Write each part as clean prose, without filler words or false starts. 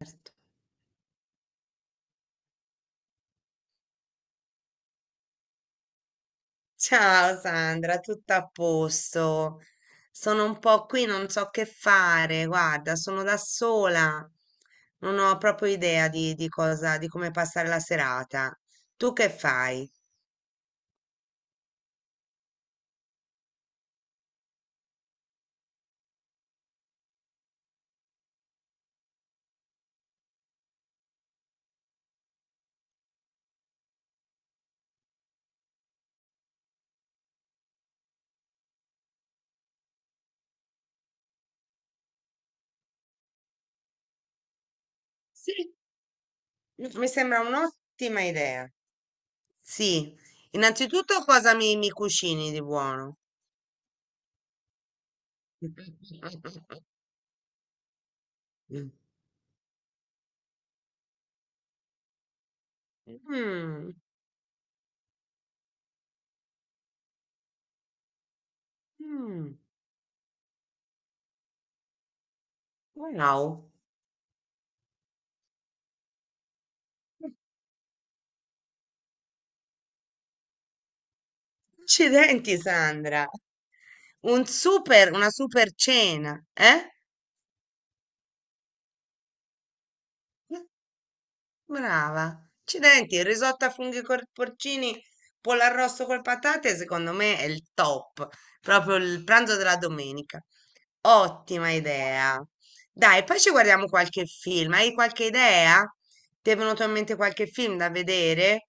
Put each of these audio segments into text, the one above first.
Certo. Ciao Sandra, tutto a posto. Sono un po' qui, non so che fare. Guarda, sono da sola. Non ho proprio idea di come passare la serata. Tu che fai? Sì, mi sembra un'ottima idea. Sì, innanzitutto cosa mi cucini di buono? Mm. Mm. Wow, accidenti Sandra. Una super cena, eh? Brava. Accidenti, il risotto a funghi col porcini, pollo arrosto col patate, secondo me è il top, proprio il pranzo della domenica. Ottima idea. Dai, poi ci guardiamo qualche film. Hai qualche idea? Ti è venuto in mente qualche film da vedere?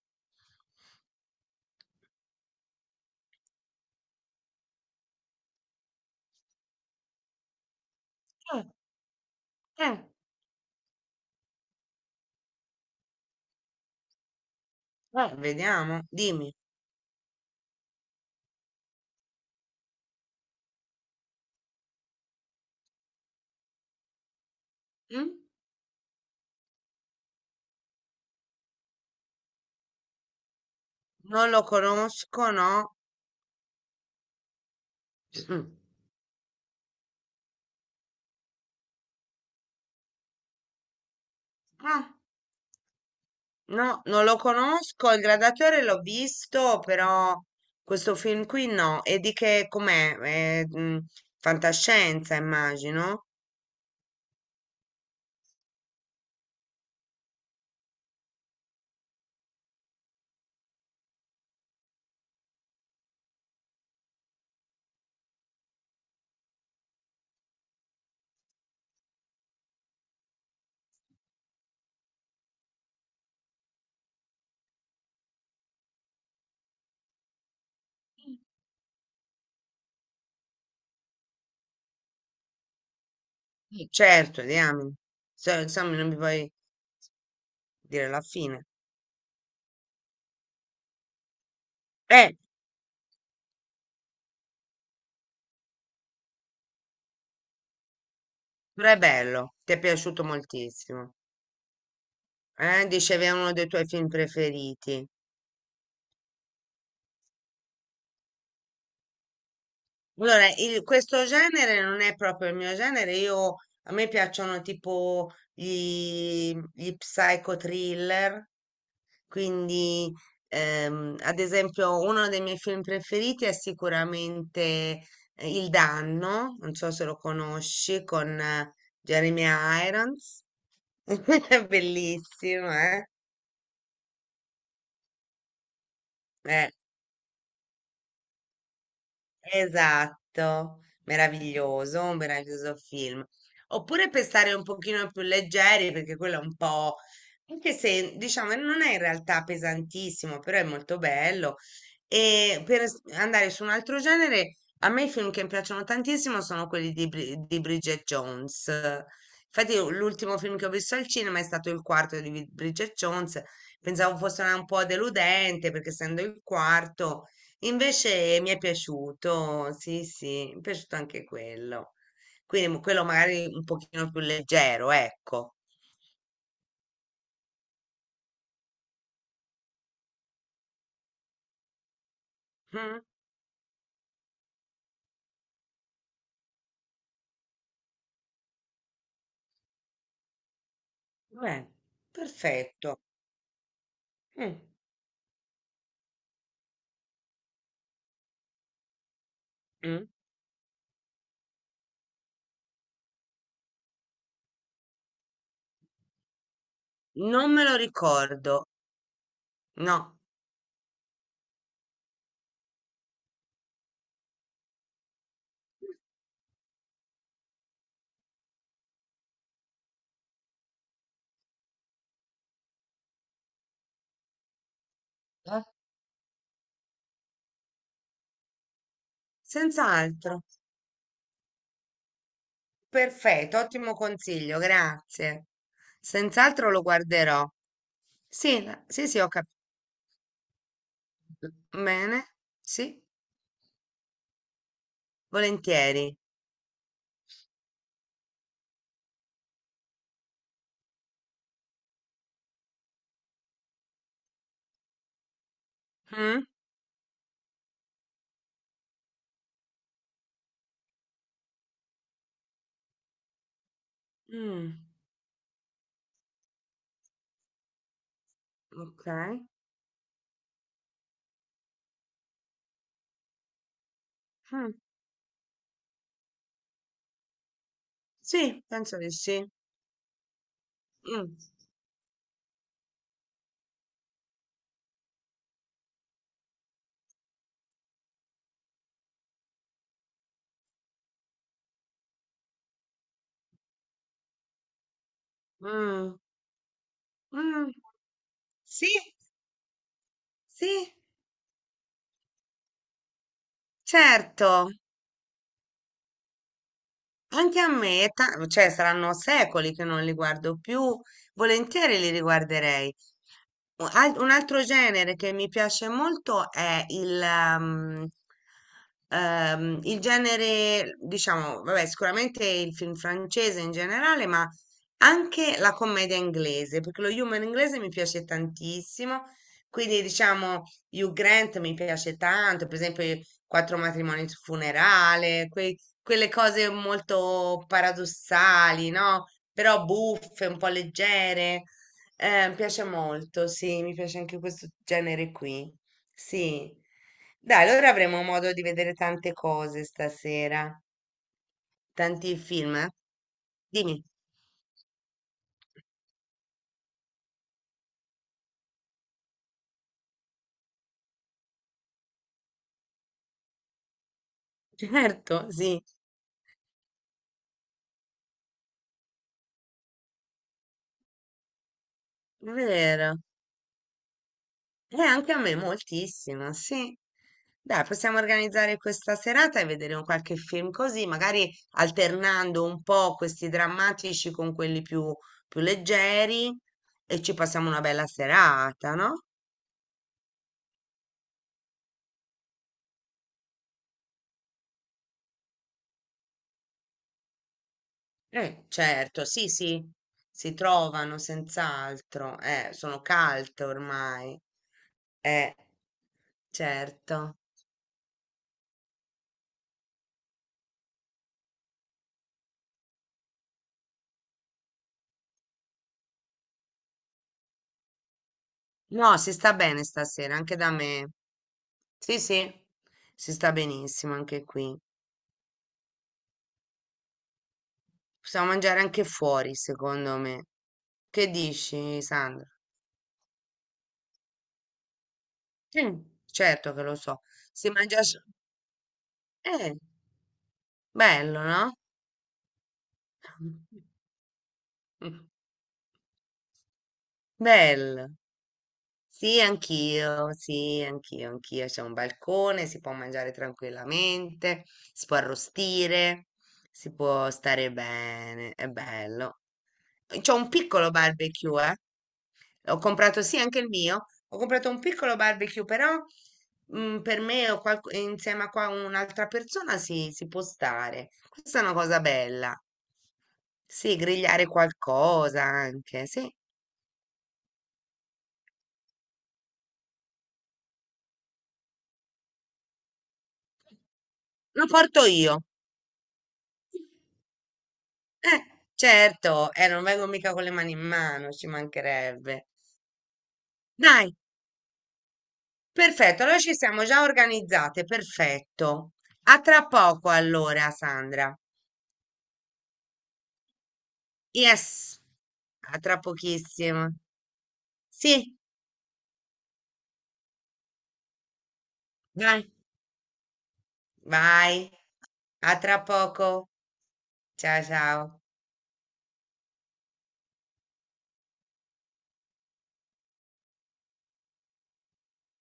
Mm, mm, vediamo, dimmi. Mm? Non lo conosco, no? Mm. Ah. No, non lo conosco, il Gladiatore l'ho visto, però questo film qui no. E di che com'è? È, mm, fantascienza, immagino. Sì. Certo, diamine. Insomma, non mi vuoi dire la fine. Eh, però è bello, ti è piaciuto moltissimo. Dicevi è uno dei tuoi film preferiti. Allora, questo genere non è proprio il mio genere. Io, a me piacciono tipo gli psycho thriller. Quindi, ad esempio, uno dei miei film preferiti è sicuramente Il Danno, non so se lo conosci, con Jeremy Irons. È bellissimo, eh? Eh, Esatto, meraviglioso, un meraviglioso film. Oppure per stare un pochino più leggeri, perché quello è un po', anche se diciamo non è in realtà pesantissimo, però è molto bello. E per andare su un altro genere, a me i film che mi piacciono tantissimo sono quelli di, di Bridget Jones. Infatti io l'ultimo film che ho visto al cinema è stato il quarto di Bridget Jones. Pensavo fosse un po' deludente, perché essendo il quarto. Invece mi è piaciuto, sì, sì, mi è piaciuto anche quello. Quindi quello magari un pochino più leggero, ecco. Mm, beh, perfetto. Mm, mm. Non me lo ricordo, no. Eh? Senz'altro. Perfetto, ottimo consiglio, grazie. Senz'altro lo guarderò. Sì, sì, sì, ho capito. Bene, sì, volentieri. Mm, mm, ok. Mm. Sì, penso di sì. Mh, mh, mh. Sì, sì, certo. Anche a me, è cioè saranno secoli che non li guardo più, volentieri li riguarderei. Un altro genere che mi piace molto è il, um, il genere, diciamo, vabbè, sicuramente il film francese in generale, ma anche la commedia inglese, perché lo humor inglese mi piace tantissimo. Quindi, diciamo, Hugh Grant mi piace tanto, per esempio, i Quattro matrimoni su funerale, quelle cose molto paradossali, no? Però buffe, un po' leggere. Mi piace molto, sì, mi piace anche questo genere qui. Sì. Dai, allora avremo modo di vedere tante cose stasera, tanti film, eh? Dimmi. Certo, sì, è vero. Anche a me moltissimo, sì. Dai, possiamo organizzare questa serata e vedere un qualche film così, magari alternando un po' questi drammatici con quelli più, più leggeri e ci passiamo una bella serata, no? Certo, sì, sì, si trovano senz'altro, sono calte ormai, eh, certo. No, si sta bene stasera, anche da me. Sì, sì, si sta benissimo anche qui. Possiamo mangiare anche fuori, secondo me. Che dici, Sandra? Sì, certo che lo so. Si mangia... s- Eh, bello, no? Bello. Sì, anch'io, anch'io. C'è un balcone, si può mangiare tranquillamente, si può arrostire, si può stare bene, è bello. C'ho un piccolo barbecue, eh? Ho comprato, sì, anche il mio. Ho comprato un piccolo barbecue, però mm, per me o insieme a qua un'altra persona sì, si può stare. Questa è una cosa bella. Sì, grigliare qualcosa anche, sì. Lo porto io. Certo, non vengo mica con le mani in mano, ci mancherebbe. Dai, perfetto, allora ci siamo già organizzate, perfetto. A tra poco allora, Sandra. Yes, a tra pochissimo. Sì, dai. Vai, a tra poco. Ciao ciao.